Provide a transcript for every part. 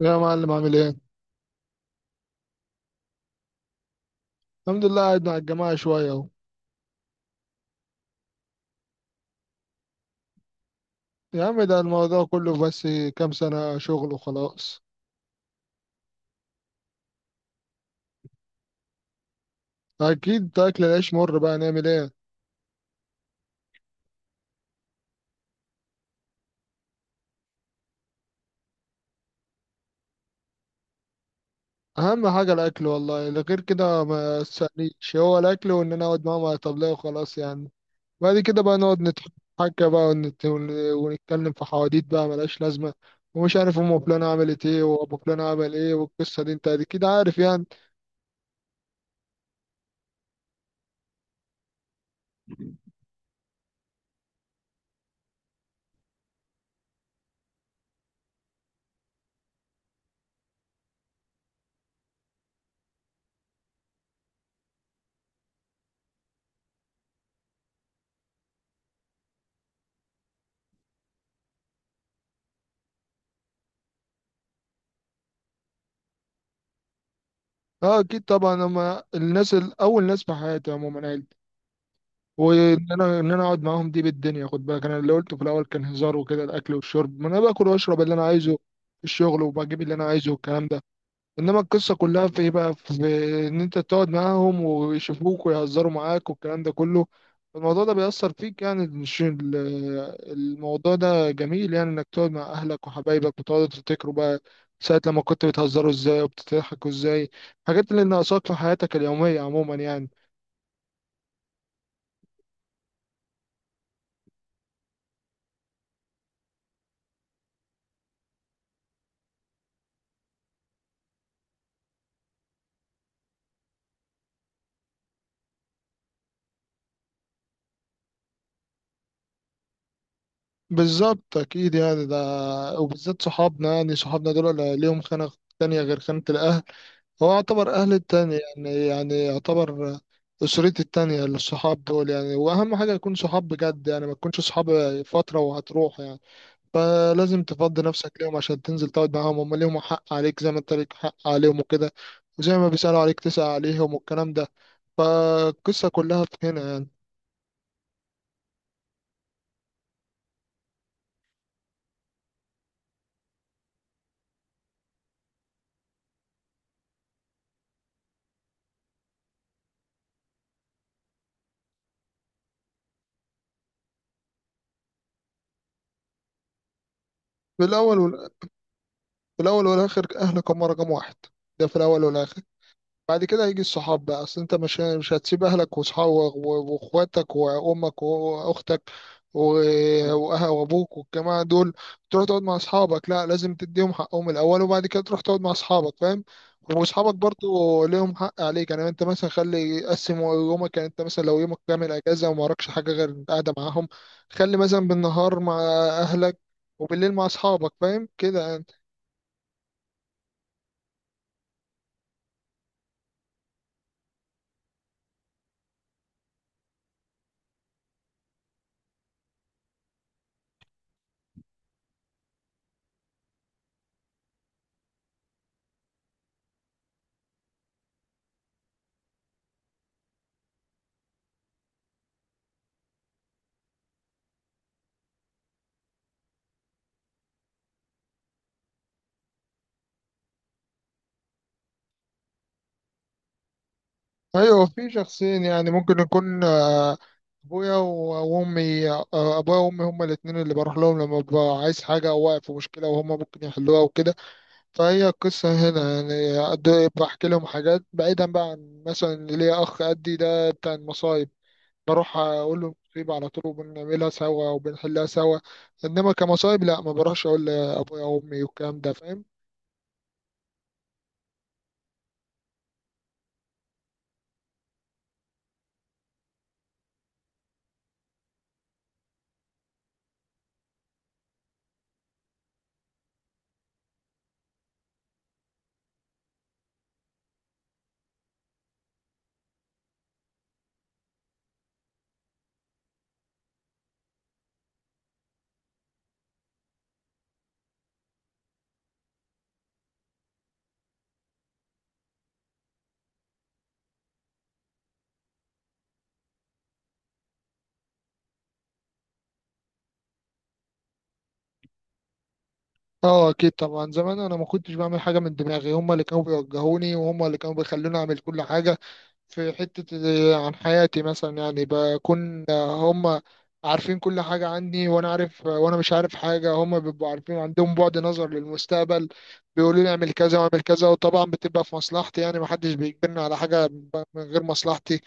يا معلم عامل ايه؟ الحمد لله، قاعد مع الجماعة شوية اهو. يا عم ده الموضوع كله، بس كام سنة شغل وخلاص. أكيد أكل العيش مر، بقى نعمل ايه؟ أهم حاجة الأكل والله، اللي غير كده ما تسألنيش، هو الأكل وإن أنا أقعد معاهم على طبلية وخلاص يعني. بعد كده بقى نقعد نتحكى بقى ونتكلم في حواديت بقى ملهاش لازمة، ومش عارف أم فلانة عملت ايه وأبو فلان عمل ايه، والقصة دي أنت أكيد عارف يعني. اه أكيد طبعا، هما الناس أول ناس في حياتي عموما، عيلتي. وان انا اقعد معاهم دي بالدنيا، خد بالك انا اللي قلته في الاول كان هزار وكده، الاكل والشرب ما انا باكل واشرب اللي انا عايزه في الشغل وبجيب اللي انا عايزه والكلام ده. انما القصه كلها في ايه بقى؟ في ان انت تقعد معاهم ويشوفوك ويهزروا معاك والكلام ده كله. الموضوع ده بيأثر فيك يعني، مش ال- الموضوع ده جميل يعني، انك تقعد مع اهلك وحبايبك وتقعدوا تفتكروا بقى ساعة لما كنت بتهزروا ازاي وبتضحكوا ازاي، الحاجات اللي ناقصاك في حياتك اليومية عموما يعني. بالظبط اكيد يعني، ده وبالذات صحابنا، يعني صحابنا دول ليهم خانة تانية غير خانة الاهل. هو يعتبر اهل التاني، يعني يعتبر اسرتي التانية للصحاب دول يعني. واهم حاجة يكون صحاب بجد يعني، ما تكونش صحاب فترة وهتروح يعني. فلازم تفضي نفسك ليهم عشان تنزل تقعد معاهم، هم ليهم حق عليك زي ما انت ليك حق عليهم وكده، وزي ما بيسألوا عليك تسأل عليهم والكلام ده، فالقصة كلها في هنا يعني. في الأول وال- في الأول والآخر أهلك هم رقم واحد، ده في الأول والآخر. بعد كده هيجي الصحاب بقى، اصل انت مش هتسيب اهلك وصحابك واخواتك وامك واختك و- وابوك والجماعه دول تروح تقعد مع اصحابك، لا لازم تديهم حقهم الاول وبعد كده تروح تقعد مع اصحابك، فاهم. واصحابك برضو ليهم حق عليك، يعني انت مثلا خلي قسم يومك، يعني انت مثلا لو يومك كامل اجازه وما وراكش حاجه غير قاعده معاهم، خلي مثلا بالنهار مع اهلك وبالليل مع اصحابك، فاهم كده. ايوه في شخصين، يعني ممكن يكون ابويا وامي، ابويا وامي هما الاثنين اللي بروح لهم لما ببقى عايز حاجه او واقف في مشكله وهما ممكن يحلوها وكده. فهي القصه هنا يعني، بحكي لهم حاجات بعيدا بقى عن مثلا اللي ليا، اخ قدي ده بتاع المصايب، بروح اقول له المصيبه على طول وبنعملها سوا وبنحلها سوا، انما كمصايب لا ما بروحش اقول لابويا وامي والكلام ده، فاهم. اه اكيد طبعا، زمان انا ما كنتش بعمل حاجه من دماغي، هما اللي كانوا بيوجهوني وهما اللي كانوا بيخلوني اعمل كل حاجه في حتة عن حياتي مثلا، يعني بكون هم عارفين كل حاجة عني، وأنا عارف وأنا مش عارف حاجة، هم بيبقوا عارفين عندهم بعد نظر للمستقبل، بيقولوا لي اعمل كذا واعمل كذا وطبعا بتبقى في مصلحتي، يعني محدش بيجبرني على حاجة من غير مصلحتي.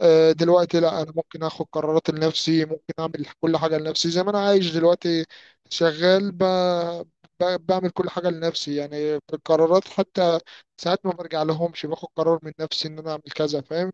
دلوقتي لا، أنا ممكن آخد قرارات لنفسي، ممكن أعمل كل حاجة لنفسي زي ما أنا عايش دلوقتي شغال بعمل كل حاجة لنفسي يعني، في القرارات حتى ساعات ما برجع لهمش، باخد قرار من نفسي إن أنا أعمل كذا، فاهم.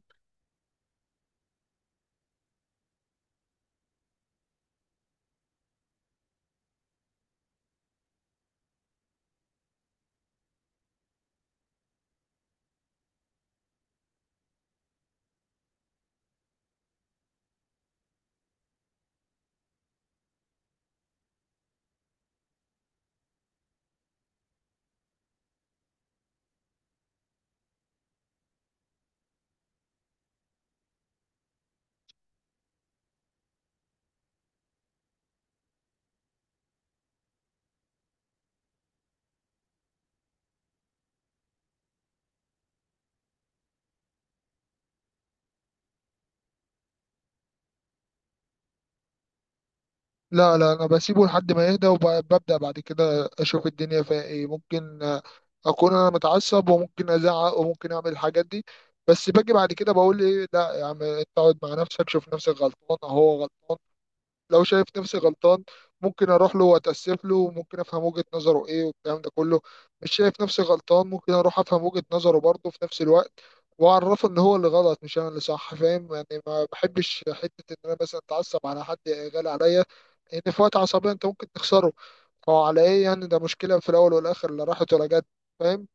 لا لا، انا بسيبه لحد ما يهدى وببدأ بعد كده اشوف الدنيا فيها ايه، ممكن اكون انا متعصب وممكن ازعق وممكن اعمل الحاجات دي، بس باجي بعد كده بقول ايه، لا يا عم اقعد مع نفسك، شوف نفسك غلطان أو هو غلطان. لو شايف نفسي غلطان ممكن اروح له واتاسف له وممكن افهم وجهة نظره ايه والكلام ده كله، مش شايف نفسي غلطان ممكن اروح افهم وجهة نظره برضه في نفس الوقت، واعرفه ان هو اللي غلط مش انا اللي صح، فاهم يعني. ما بحبش حتة ان انا مثلا اتعصب على حد غالي عليا، لان في وقت عصبية انت ممكن تخسره، فعلى ايه يعني، ده مشكلة في الاول والاخر لا راحت ولا جت، فاهم.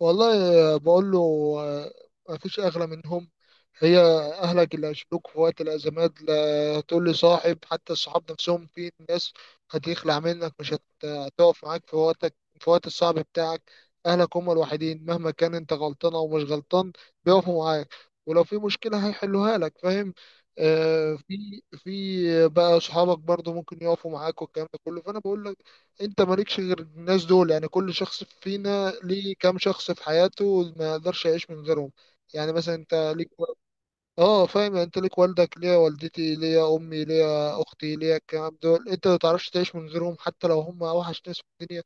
والله، بقول له آه، مفيش أغلى منهم، هي أهلك اللي هيشيلوك في وقت الأزمات، لا تقول لي صاحب، حتى الصحاب نفسهم في ناس هتخلع منك، مش هتقف معاك في وقتك في وقت الصعب بتاعك. أهلك هم الوحيدين مهما كان أنت غلطان أو مش غلطان، بيقفوا معاك ولو في مشكلة هيحلوها لك، فاهم. في بقى صحابك برضو ممكن يقفوا معاك والكلام ده كله، فأنا بقول له انت مالكش غير الناس دول، يعني كل شخص فينا ليه كام شخص في حياته ما يقدرش يعيش من غيرهم. يعني مثلا انت ليك اه فاهم، يعني انت ليك والدك ليا والدتي ليا امي ليا اختي ليا، الكلام دول انت ما تعرفش تعيش من غيرهم، حتى لو هم اوحش ناس في الدنيا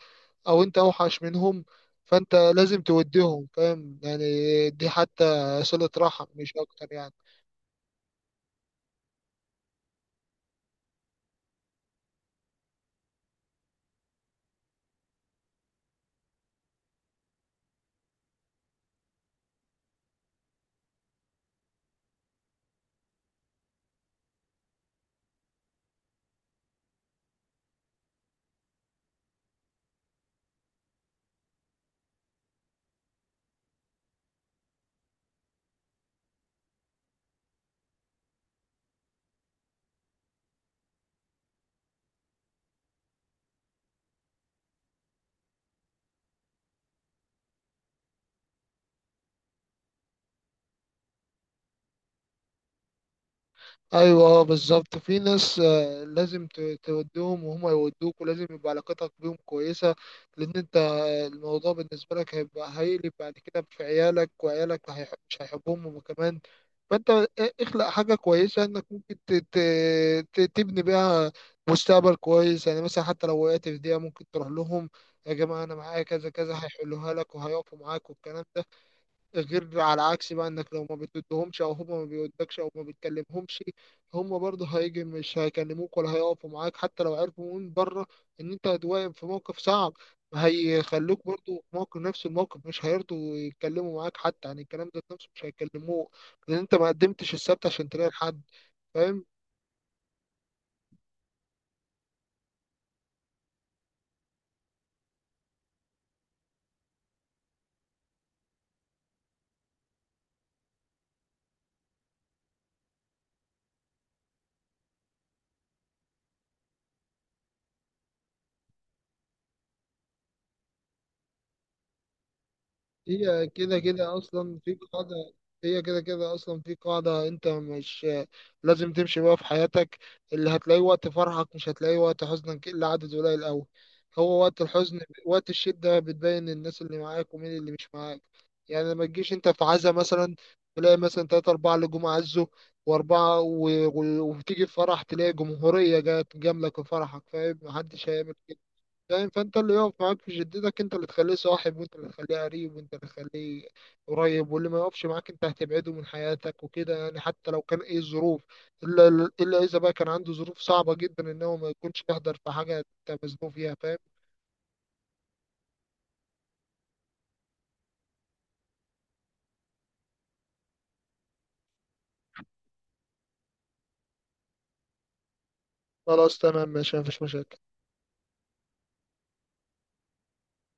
او انت اوحش منهم، فانت لازم توديهم، فاهم يعني، دي حتى صلة رحم مش اكتر يعني. ايوه بالظبط، في ناس لازم تودهم وهم يودوك، ولازم يبقى علاقتك بيهم كويسه، لان انت الموضوع بالنسبه لك هيبقى هيقلب بعد كده في عيالك، وعيالك مش هيحبهم هما كمان. فانت اخلق حاجه كويسه انك ممكن تبني بيها مستقبل كويس، يعني مثلا حتى لو وقعت في دقيقه ممكن تروح لهم، يا جماعه انا معايا كذا كذا، هيحلوها لك وهيقفوا معاك والكلام ده. غير على عكس بقى، انك لو ما بتدهمش او هما ما بيودكش او ما بتكلمهمش، هما برضه هيجي مش هيكلموك ولا هيقفوا معاك، حتى لو عرفوا من بره ان انت هتواجه في موقف صعب هيخلوك برضه في موقف نفس الموقف، مش هيرضوا يتكلموا معاك حتى، يعني الكلام ده نفسه مش هيكلموه، لان انت ما قدمتش السبت عشان تلاقي حد، فاهم. هي كده كده اصلا في قاعده هي كده كده اصلا في قاعده، انت مش لازم تمشي بقى في حياتك، اللي هتلاقيه وقت فرحك مش هتلاقيه وقت حزنك الا عدد قليل قوي، هو وقت الحزن وقت الشده بتبين الناس اللي معاك ومين اللي مش معاك. يعني ما تجيش انت في عزا مثلا تلاقي مثلا تلاتة أربعة اللي جم عزوا وأربعة وتيجي في فرح تلاقي جمهورية جت جاملة في فرحك، فاهم، محدش هيعمل، فاهم. فانت اللي يقف معاك في جدتك انت اللي تخليه صاحب، وانت اللي تخليه قريب، واللي ما يقفش معاك انت هتبعده من حياتك وكده يعني، حتى لو كان ايه الظروف، الا الا اذا بقى كان عنده ظروف صعبة جدا ان هو ما يكونش يحضر في حاجة انت مزنوق فيها، فاهم. خلاص تمام ماشي، مفيش مشاكل.